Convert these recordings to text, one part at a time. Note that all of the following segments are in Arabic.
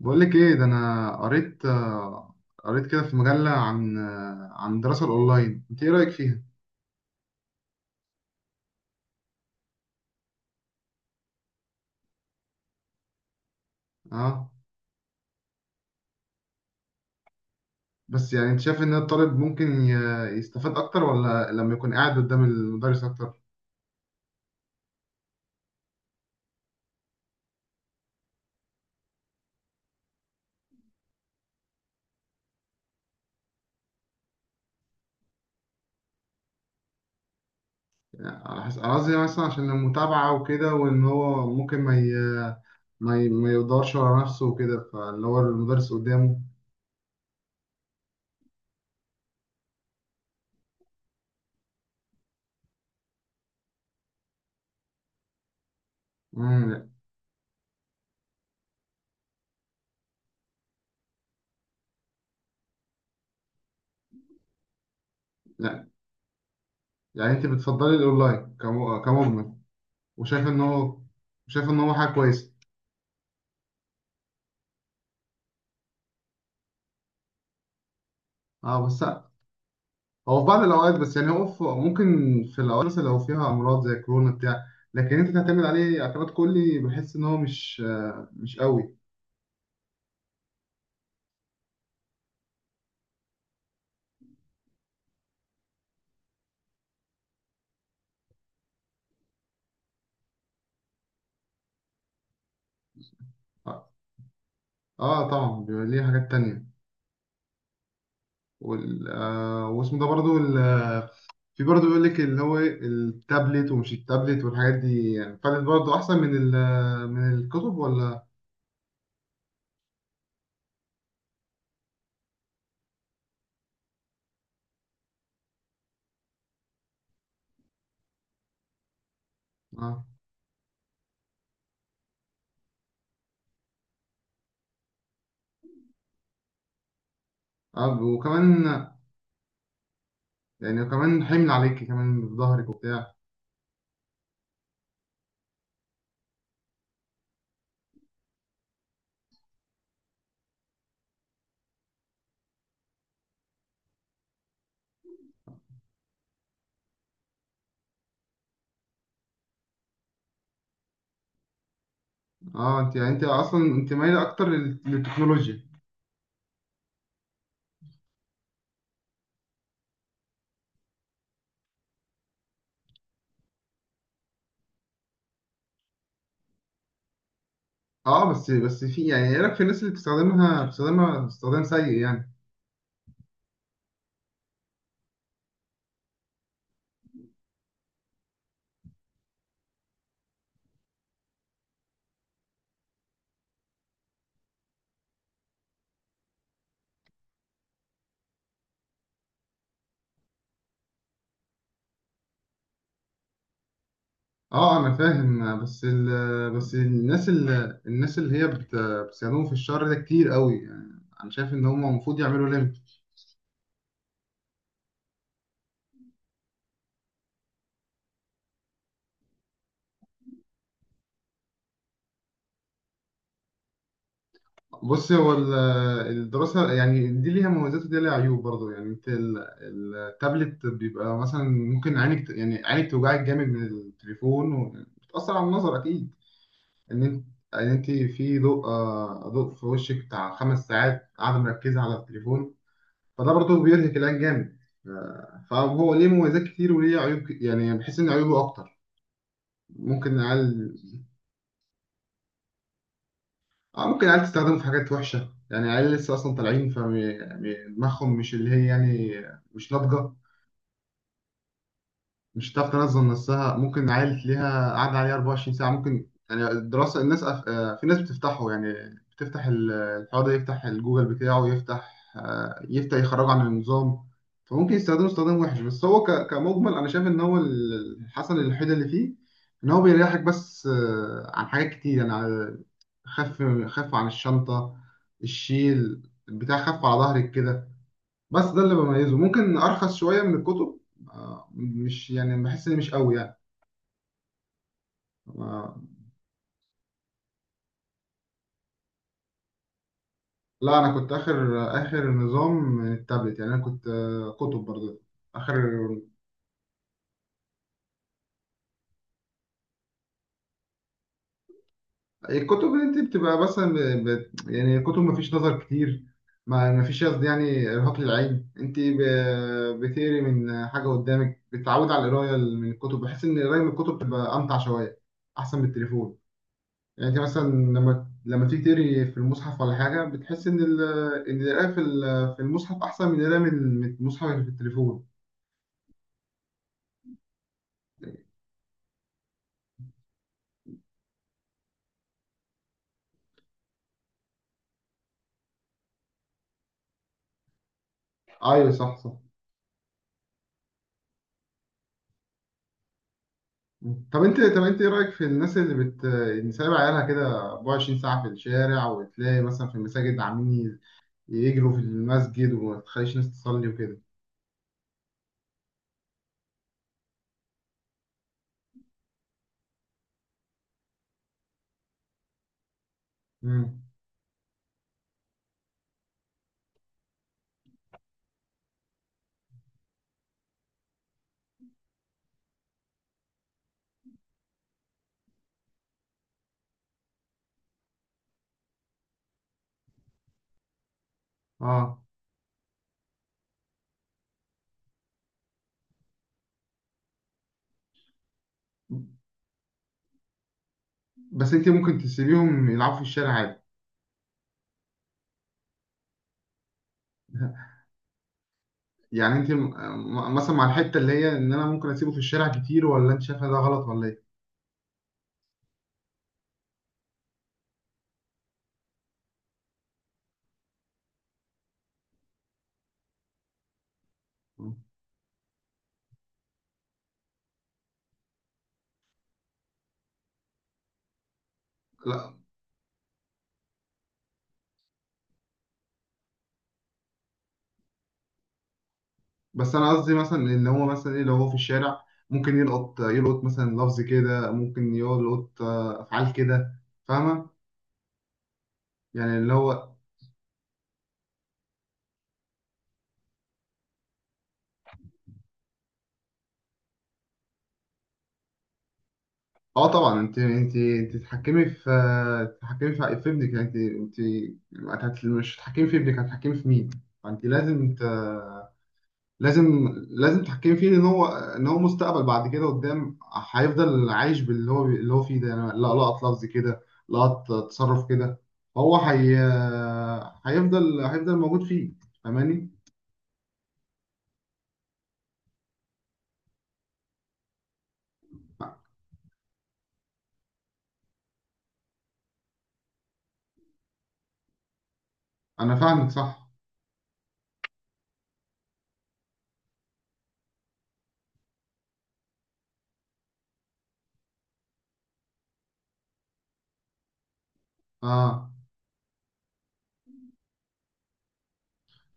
بقول لك ايه ده انا قريت قريت كده في مجلة عن عن الدراسة الاونلاين. انت ايه رأيك فيها؟ اه، بس يعني انت شايف ان الطالب ممكن يستفاد اكتر ولا لما يكون قاعد قدام المدرس اكتر؟ يعني على حسب، أنا قصدي مثلا عشان المتابعة وكده، وان هو ممكن ما يدورش ورا نفسه وكده، فاللي هو المدرس قدامه. امم يعني، انت بتفضلي الاونلاين كمجمل؟ وشايف ان هو، شايف ان هو حاجة كويسة؟ اه بس، هو في بعض الأوقات، بس يعني هو في ممكن، في الأوقات مثلا لو فيها أمراض زي كورونا بتاع لكن أنت تعتمد عليه اعتماد كلي بحس إن هو مش مش قوي. آه، طبعا بيبقى ليه حاجات تانية. وال واسمه ده برضو ال آه، في برضو بيقول لك اللي هو إيه، التابلت ومش التابلت والحاجات دي، يعني فالت برضو أحسن من ال آه، من الكتب ولا؟ آه. آه، وكمان، يعني وكمان حمل عليكي كمان في ظهرك وبتاع. اه انت، يعني انت اصلا انت مايله اكتر للتكنولوجيا. اه بس، بس في، يعني ايه رايك في الناس اللي بتستخدمها، بتستخدمها استخدام سيء يعني؟ اه انا فاهم بس ال، بس الناس اللي، الناس اللي هي بتستخدمهم في الشر ده كتير قوي. يعني انا شايف ان هم المفروض يعملوا ليميت. بص هو الدراسه يعني دي ليها مميزات ودي ليها عيوب برضه. يعني انت التابلت بيبقى مثلا ممكن عينك يعني عينك توجعك جامد من التليفون، وبتأثر على النظر اكيد. ان انت ان انت في ضوء، ضوء في وشك بتاع 5 ساعات قاعده مركزه على التليفون، فده برضه بيرهق العين جامد. فهو ليه مميزات كتير وليه عيوب يعني بحس ان عيوبه اكتر. ممكن العيال، ممكن العيال تستخدمه في حاجات وحشه. يعني العيال لسه اصلا طالعين، فدماغهم مش اللي هي يعني مش ناضجه. مش هتعرف تنظم نفسها، ممكن عيل ليها قاعدة عليه 24 ساعة. ممكن يعني الدراسة الناس أف... آه، في ناس بتفتحه، يعني بتفتح الحوار ده، يفتح الجوجل بتاعه، يفتح يفتح يخرجه عن النظام. فممكن يستخدمه استخدام وحش. بس هو كمجمل أنا شايف إن هو الحسن الوحيد اللي فيه إن هو بيريحك بس عن حاجات كتير. يعني خف عن الشنطة، الشيل بتاع، خف على ظهرك كده. بس ده اللي بميزه، ممكن ارخص شويه من الكتب. مش يعني بحس ان مش قوي يعني. آه، لا انا كنت اخر، اخر نظام من التابلت. يعني انا كنت، كتب برضه. اخر الكتب، اللي انت بتبقى مثلا يعني كتب، ما فيش نظر كتير، ما فيش قصدي يعني ارهاق للعين. انت بتقري من حاجه قدامك، بتتعود على القرايه من الكتب. بحس ان القرايه من الكتب بتبقى امتع شويه، احسن من التليفون. يعني انت مثلا لما تيجي تقري في المصحف ولا حاجه، بتحس ان ال... ان القراءه في ال... في المصحف احسن من القراءه من، من المصحف اللي في التليفون. ايوه، صح صح. طب انت، طب انت ايه رايك في الناس اللي بت، اللي سايبه عيالها كده 24 ساعه في الشارع، وتلاقي مثلا في المساجد عاملين يجروا في المسجد، وما تخليش الناس تصلي وكده؟ امم. اه بس انت ممكن تسيبيهم يلعبوا في الشارع عادي. يعني انت مثلا مع الحته اللي هي ان انا ممكن اسيبه في الشارع كتير، ولا انت شايفها ده غلط ولا ايه؟ لا بس انا قصدي مثلا ان هو مثلا ايه، لو هو في الشارع ممكن يلقط، يلقط مثلا لفظ كده، ممكن يلقط افعال كده. فاهمه يعني اللي هو. اه طبعا انت، انت تتحكمي في، تتحكمي في ابنك. يعني انت، انت مش هتتحكمي في ابنك هتتحكمي في مين؟ فانت لازم لازم تحكم فيه. ان هو، ان هو مستقبل بعد كده قدام، هيفضل عايش باللي هو، اللي هو فيه ده. يعني لا، لقط لفظ كده، لقط تصرف كده، هو هي، هيفضل موجود فيه. فاهماني؟ انا فاهمك صح. اه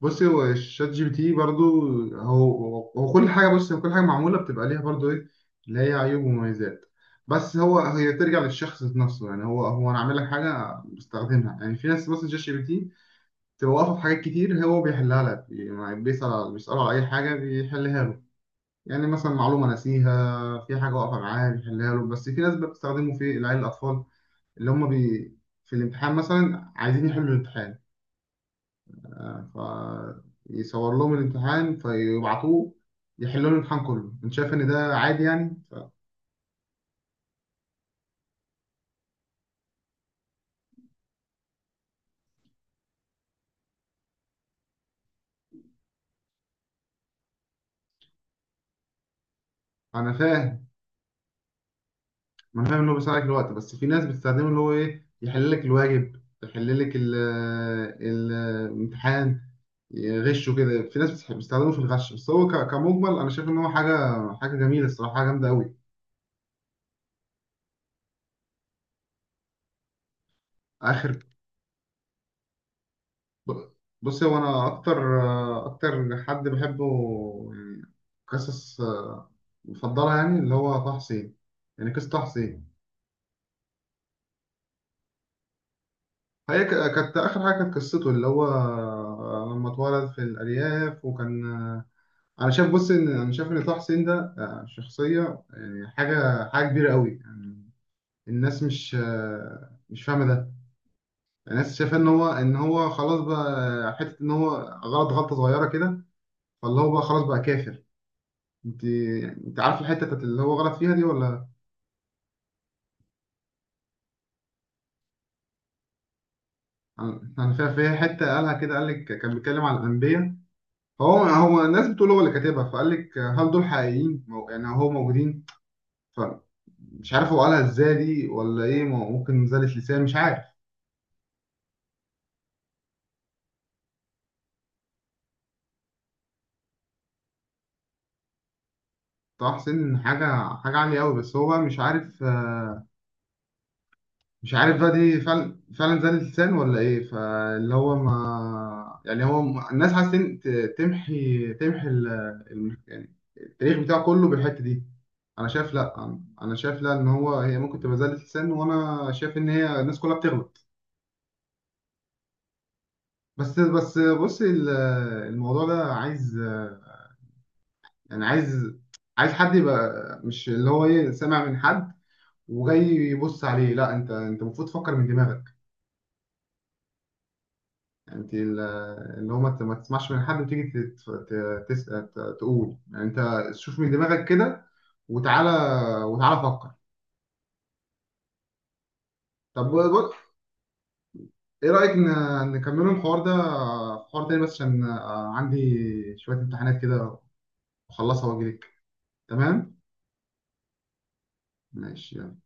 بصي هو الشات جي بي تي برضو، هو كل حاجه. بص، هو كل حاجه معموله بتبقى ليها برضو ايه، اللي هي عيوب ومميزات. بس هو هي ترجع للشخص نفسه. يعني هو انا عامل لك حاجه بستخدمها. يعني في ناس بس الشات جي بي تي تبقى واقفة في حاجات كتير، هو بيحلها لك. يعني بيسأل بيسأله على أي حاجة بيحلها له. يعني مثلا معلومة ناسيها في حاجة واقفة معاه بيحلها له. بس في ناس بقى بتستخدمه في العيال، الأطفال اللي هم بي، في الامتحان مثلا عايزين يحلوا الامتحان، فيصور لهم الامتحان فيبعتوه يحلوا لهم الامتحان كله. أنت شايف إن ده عادي يعني؟ أنا فاهم، ما أنا فاهم إن هو بيساعدك الوقت، بس في ناس بتستخدمه اللي هو إيه، يحل لك الواجب، يحل لك الامتحان، يغشوا كده. في ناس بتحب بيستخدموه في الغش. بس هو كمجمل انا شايف ان هو حاجه، حاجه جميله الصراحه، حاجه جامده قوي. اخر ب- بص، هو انا اكتر، اكتر حد بحبه يعني، قصص مفضله، يعني اللي هو طه حسين. يعني قصه طه حسين. هي كانت اخر حاجه، كانت قصته اللي هو لما اتولد في الارياف، وكان انا شايف، بص ان انا شايف ان طه حسين ده شخصيه يعني، حاجه، حاجه كبيره قوي يعني. الناس مش مش فاهمه ده. الناس شايفه ان هو، ان هو خلاص بقى، حته ان هو غلط غلطه صغيره كده، فاللي هو بقى خلاص بقى كافر. انت، انت عارف الحته بتاعت اللي هو غلط فيها دي ولا؟ انا فيها، فيها حته قالها كده، قال لك كان بيتكلم على الانبياء، هو هو الناس بتقول هو اللي كاتبها، فقال لك هل دول حقيقيين يعني هو موجودين. فمش عارف هو قالها ازاي دي ولا ايه، ممكن زلة لسان مش عارف. طه حسين حاجه، حاجه عاليه قوي. بس هو بقى مش عارف، مش عارف بقى دي فعلا، فعلا زاد اللسان ولا ايه. فاللي هو ما، يعني هو ما، الناس عايزة تمحي ال... يعني التاريخ بتاعه كله بالحتة دي. انا شايف لا، انا شايف لا، ان هو هي ممكن تبقى زادة لسان، وانا شايف ان هي الناس كلها بتغلط. بس بص الموضوع ده عايز، يعني عايز، عايز حد يبقى مش اللي هو ايه سامع من حد وجاي يبص عليه. لا انت، انت المفروض تفكر من دماغك. انت ال، اللي هو ما تسمعش من حد وتيجي تقول. يعني انت شوف من دماغك كده وتعالى، فكر. طب بص، ايه رأيك نكملوا الحوار ده في حوار تاني، بس عشان عندي شوية امتحانات كده اخلصها واجيلك. تمام. ماشي يلا.